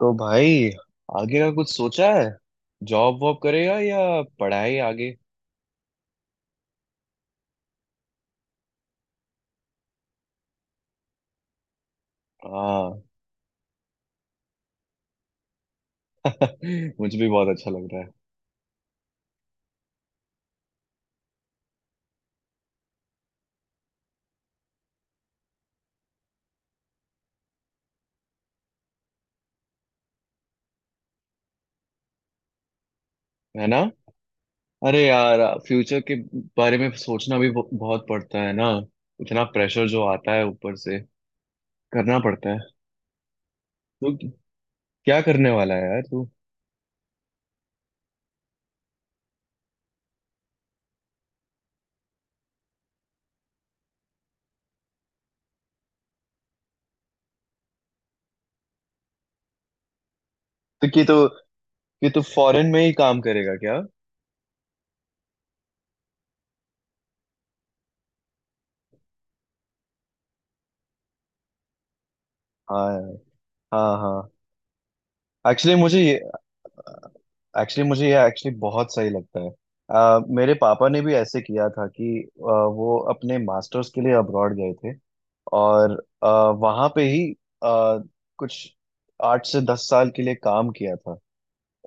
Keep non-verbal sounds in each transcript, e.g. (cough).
तो भाई, आगे का कुछ सोचा है? जॉब वॉब करेगा या पढ़ाई आगे? हाँ। (laughs) मुझे भी बहुत अच्छा लग रहा है। है ना। अरे यार, फ्यूचर के बारे में सोचना भी बहुत पड़ता है ना। इतना प्रेशर जो आता है ऊपर से, करना पड़ता है। तो क्या करने वाला है यार तू? तो कि तू फॉरेन में ही काम करेगा क्या? हाँ यार, हाँ हाँ। एक्चुअली मुझे एक्चुअली मुझे ये एक्चुअली बहुत सही लगता है। मेरे पापा ने भी ऐसे किया था कि वो अपने मास्टर्स के लिए अब्रॉड गए थे। और वहाँ पे ही अ, कुछ आठ से दस साल के लिए काम किया था।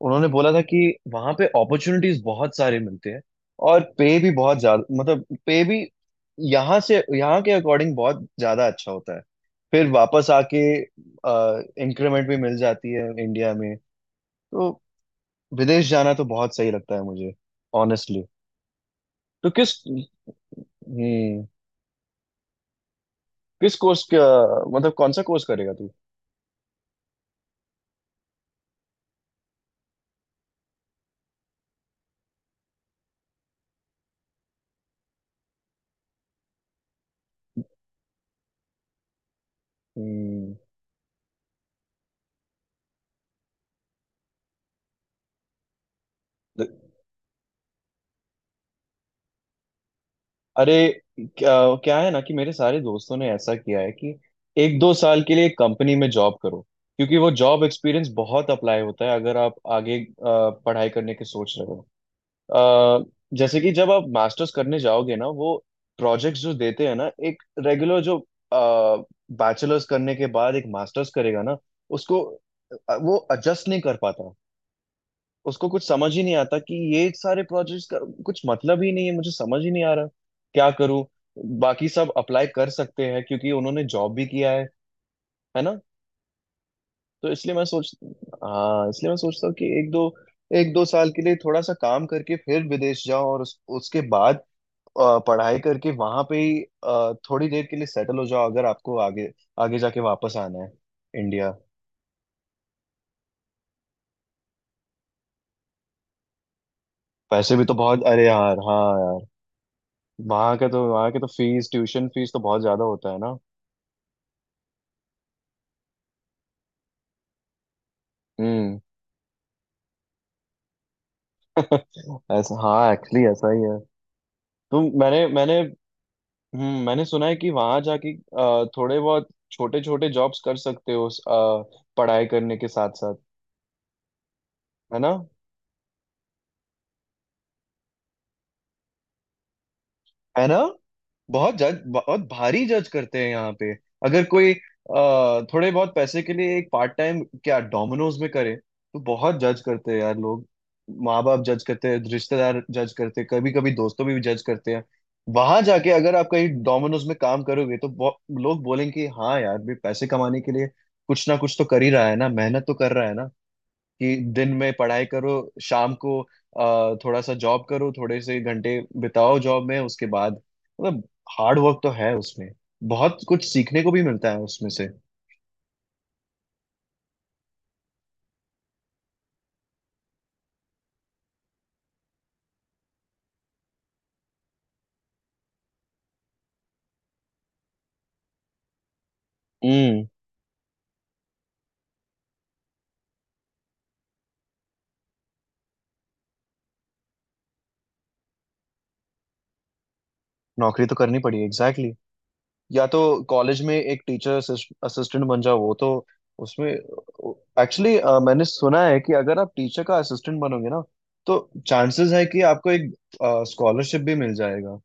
उन्होंने बोला था कि वहाँ पे अपॉर्चुनिटीज बहुत सारे मिलते हैं। और पे भी बहुत ज्यादा, मतलब पे भी यहाँ से, यहाँ के अकॉर्डिंग बहुत ज्यादा अच्छा होता है। फिर वापस आके इंक्रीमेंट भी मिल जाती है इंडिया में। तो विदेश जाना तो बहुत सही लगता है मुझे, ऑनेस्टली। तो किस हम्म किस कोर्स का, मतलब कौन सा कोर्स करेगा तू? हम्म। द- अरे, क्या है ना कि मेरे सारे दोस्तों ने ऐसा किया है कि एक दो साल के लिए कंपनी में जॉब करो, क्योंकि वो जॉब एक्सपीरियंस बहुत अप्लाई होता है अगर आप आगे पढ़ाई करने के सोच रहे हो। अ, जैसे कि जब आप मास्टर्स करने जाओगे ना, वो प्रोजेक्ट्स जो देते हैं ना, एक रेगुलर जो बैचलर्स करने के बाद एक मास्टर्स करेगा ना, उसको वो एडजस्ट नहीं कर पाता। उसको कुछ समझ ही नहीं आता कि ये सारे प्रोजेक्ट्स का कुछ मतलब ही नहीं है, मुझे समझ ही नहीं आ रहा क्या करूं। बाकी सब अप्लाई कर सकते हैं क्योंकि उन्होंने जॉब भी किया है ना। तो इसलिए मैं सोच, हाँ इसलिए मैं सोचता हूँ कि एक दो साल के लिए थोड़ा सा काम करके फिर विदेश जाओ और उसके बाद पढ़ाई करके वहां पे ही थोड़ी देर के लिए सेटल हो जाओ, अगर आपको आगे, आगे जाके वापस आना है इंडिया। पैसे भी तो बहुत, अरे यार, हाँ यार। वहां के तो फीस, ट्यूशन फीस तो बहुत ज्यादा होता है ना। हम्म। (laughs) ऐसा, हाँ एक्चुअली ऐसा ही है। तो मैंने मैंने हम्म, मैंने सुना है कि वहां जाके थोड़े बहुत छोटे छोटे जॉब्स कर सकते हो पढ़ाई करने के साथ साथ, है ना। है ना, बहुत जज, बहुत भारी जज करते हैं यहाँ पे। अगर कोई थोड़े बहुत पैसे के लिए एक पार्ट टाइम क्या डोमिनोज में करे, तो बहुत जज करते हैं यार लोग। माँ बाप जज करते हैं, रिश्तेदार जज करते हैं, कभी कभी दोस्तों भी जज करते हैं। वहां जाके अगर आप कहीं डोमिनोज में काम करोगे, तो लोग बोलेंगे कि हाँ यार भी पैसे कमाने के लिए कुछ ना कुछ तो कर ही रहा है ना, मेहनत तो कर रहा है ना। कि दिन में पढ़ाई करो, शाम को थोड़ा सा जॉब करो, थोड़े से घंटे बिताओ जॉब में, उसके बाद मतलब हार्ड वर्क तो है उसमें, बहुत कुछ सीखने को भी मिलता है उसमें से। हम्म। नौकरी तो करनी पड़ी, एग्जैक्टली exactly। या तो कॉलेज में एक टीचर असिस्टेंट बन जाओ, वो तो, उसमें एक्चुअली मैंने सुना है कि अगर आप टीचर का असिस्टेंट बनोगे ना, तो चांसेस है कि आपको एक स्कॉलरशिप भी मिल जाएगा।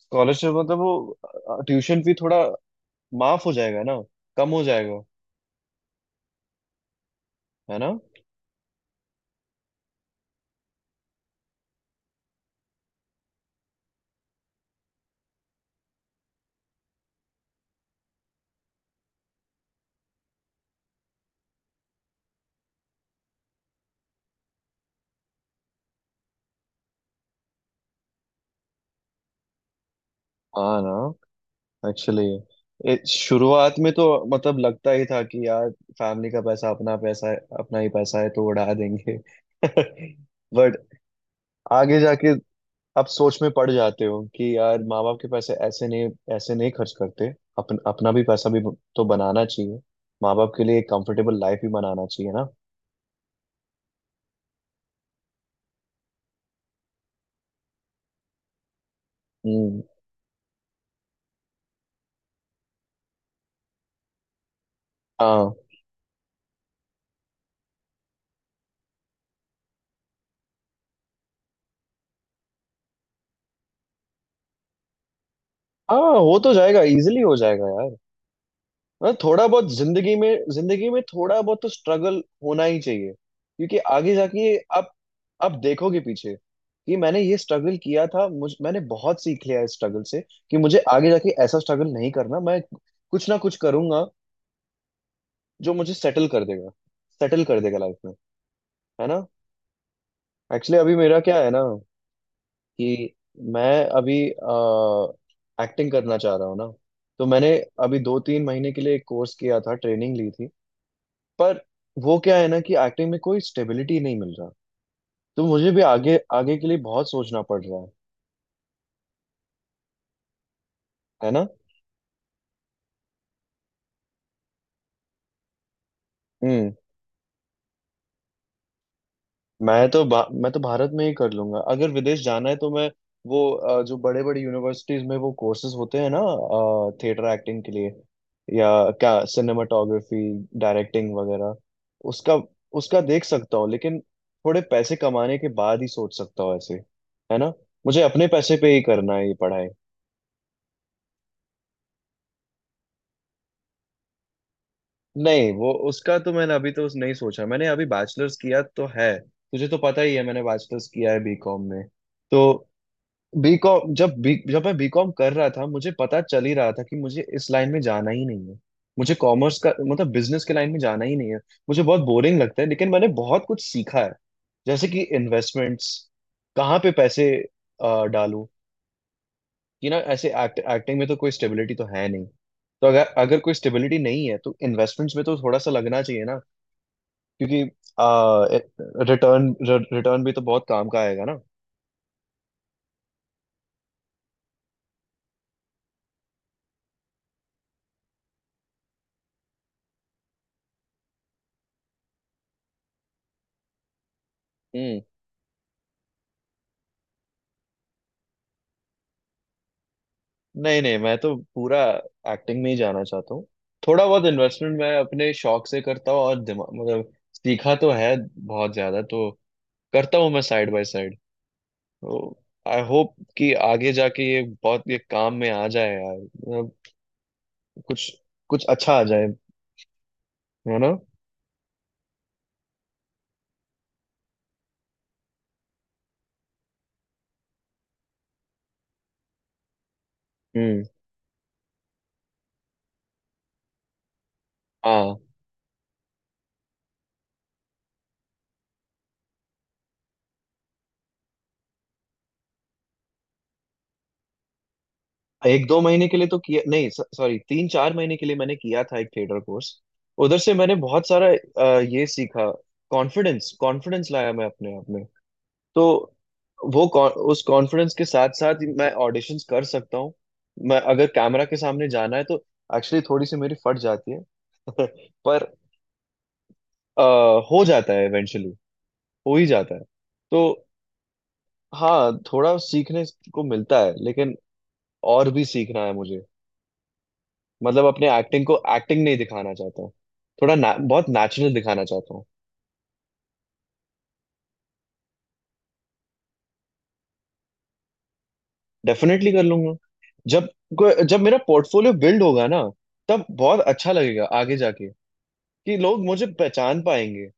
स्कॉलरशिप मतलब वो ट्यूशन फी थोड़ा माफ हो जाएगा ना, कम हो जाएगा। है ना। हाँ ना, एक्चुअली शुरुआत में तो मतलब लगता ही था कि यार फैमिली का पैसा अपना पैसा है, अपना ही पैसा है, तो उड़ा देंगे। (laughs) बट आगे जाके आप सोच में पड़ जाते हो कि यार, माँ बाप के पैसे ऐसे नहीं, ऐसे नहीं खर्च करते। अपन, अपना भी पैसा भी तो बनाना चाहिए, माँ बाप के लिए एक कंफर्टेबल लाइफ भी बनाना चाहिए ना। हम्म। हाँ। हाँ हो तो जाएगा, इजिली हो जाएगा यार। हाँ थोड़ा बहुत जिंदगी में, जिंदगी में थोड़ा बहुत तो स्ट्रगल होना ही चाहिए, क्योंकि आगे जाके आप देखोगे पीछे कि मैंने ये स्ट्रगल किया था, मुझ मैंने बहुत सीख लिया इस स्ट्रगल से, कि मुझे आगे जाके ऐसा स्ट्रगल नहीं करना, मैं कुछ ना कुछ करूंगा जो मुझे सेटल कर देगा, सेटल कर देगा लाइफ में। है ना। एक्चुअली अभी मेरा क्या है ना कि मैं अभी एक्टिंग करना चाह रहा हूँ ना। तो मैंने अभी दो तीन महीने के लिए एक कोर्स किया था, ट्रेनिंग ली थी। पर वो क्या है ना कि एक्टिंग में कोई स्टेबिलिटी नहीं मिल रहा, तो मुझे भी आगे, आगे के लिए बहुत सोचना पड़ रहा है ना। हम्म। मैं तो भारत में ही कर लूंगा। अगर विदेश जाना है तो मैं वो जो बड़े बड़े यूनिवर्सिटीज में वो कोर्सेज होते हैं ना, थिएटर एक्टिंग के लिए, या क्या सिनेमाटोग्राफी, डायरेक्टिंग वगैरह, उसका उसका देख सकता हूँ। लेकिन थोड़े पैसे कमाने के बाद ही सोच सकता हूँ ऐसे, है ना। मुझे अपने पैसे पे ही करना है ये पढ़ाई। नहीं, वो उसका तो मैंने अभी तो उस नहीं सोचा। मैंने अभी बैचलर्स किया तो है, तुझे तो पता ही है, मैंने बैचलर्स किया है बीकॉम में। तो बीकॉम, जब मैं बीकॉम कर रहा था, मुझे पता चल ही रहा था कि मुझे इस लाइन में जाना ही नहीं है। मुझे कॉमर्स का मतलब बिजनेस के लाइन में जाना ही नहीं है, मुझे बहुत बोरिंग लगता है। लेकिन मैंने बहुत कुछ सीखा है, जैसे कि इन्वेस्टमेंट्स, कहाँ पे पैसे डालूं। कि ना ऐसे एक्टिंग में तो कोई स्टेबिलिटी तो है नहीं, तो अगर, अगर कोई स्टेबिलिटी नहीं है तो इन्वेस्टमेंट्स में तो थोड़ा सा लगना चाहिए ना, क्योंकि रिटर्न, रिटर्न भी तो बहुत काम का आएगा ना। हम्म। नहीं नहीं, मैं तो पूरा एक्टिंग में ही जाना चाहता हूँ। थोड़ा बहुत इन्वेस्टमेंट मैं अपने शौक से करता हूँ और दिमाग मतलब सीखा तो है, बहुत ज्यादा तो करता हूँ मैं साइड बाय साइड। तो आई होप कि आगे जाके ये बहुत ये काम में आ जाए यार, मतलब कुछ, कुछ अच्छा आ जाए। है ना। हम्म। हाँ, एक दो महीने के लिए तो किया नहीं, सॉरी, तीन चार महीने के लिए मैंने किया था एक थिएटर कोर्स। उधर से मैंने बहुत सारा ये सीखा, कॉन्फिडेंस, कॉन्फिडेंस लाया मैं अपने आप में। तो वो उस कॉन्फिडेंस के साथ साथ मैं ऑडिशंस कर सकता हूँ। मैं अगर कैमरा के सामने जाना है तो एक्चुअली थोड़ी सी मेरी फट जाती है। (laughs) पर अ, हो जाता है इवेंचुअली, हो ही जाता है। तो हाँ, थोड़ा सीखने को मिलता है लेकिन और भी सीखना है मुझे, मतलब अपने एक्टिंग को एक्टिंग नहीं दिखाना चाहता हूँ, बहुत नेचुरल दिखाना चाहता हूँ। डेफिनेटली कर लूंगा। जब जब मेरा पोर्टफोलियो बिल्ड होगा ना, तब बहुत अच्छा लगेगा आगे जाके, कि लोग मुझे पहचान पाएंगे।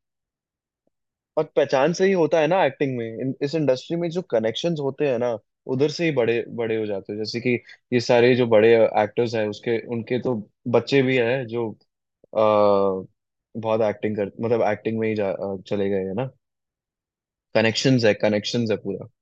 और पहचान से ही होता है ना एक्टिंग में, इस इंडस्ट्री में जो कनेक्शंस होते हैं ना, उधर से ही बड़े बड़े हो जाते हैं। जैसे कि ये सारे जो बड़े एक्टर्स हैं, उसके उनके तो बच्चे भी हैं जो बहुत एक्टिंग कर मतलब एक्टिंग में ही चले गए हैं ना। कनेक्शंस है, कनेक्शंस है पूरा।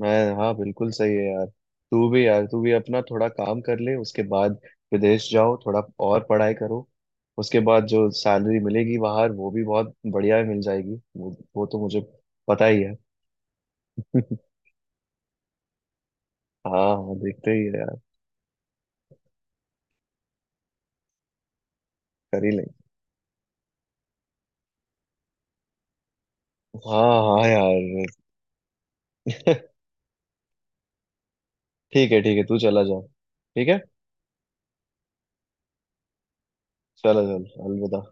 मैं, हाँ बिल्कुल सही है यार। तू भी यार, तू भी अपना थोड़ा काम कर ले, उसके बाद विदेश जाओ थोड़ा, और पढ़ाई करो। उसके बाद जो सैलरी मिलेगी बाहर वो भी बहुत बढ़िया मिल जाएगी, वो तो मुझे पता ही है। (laughs) हाँ हाँ, देखते ही है यार, कर ही लेंगे। हाँ हाँ यार। (laughs) ठीक है ठीक है, तू चला जा। ठीक है, चलो चल, अलविदा।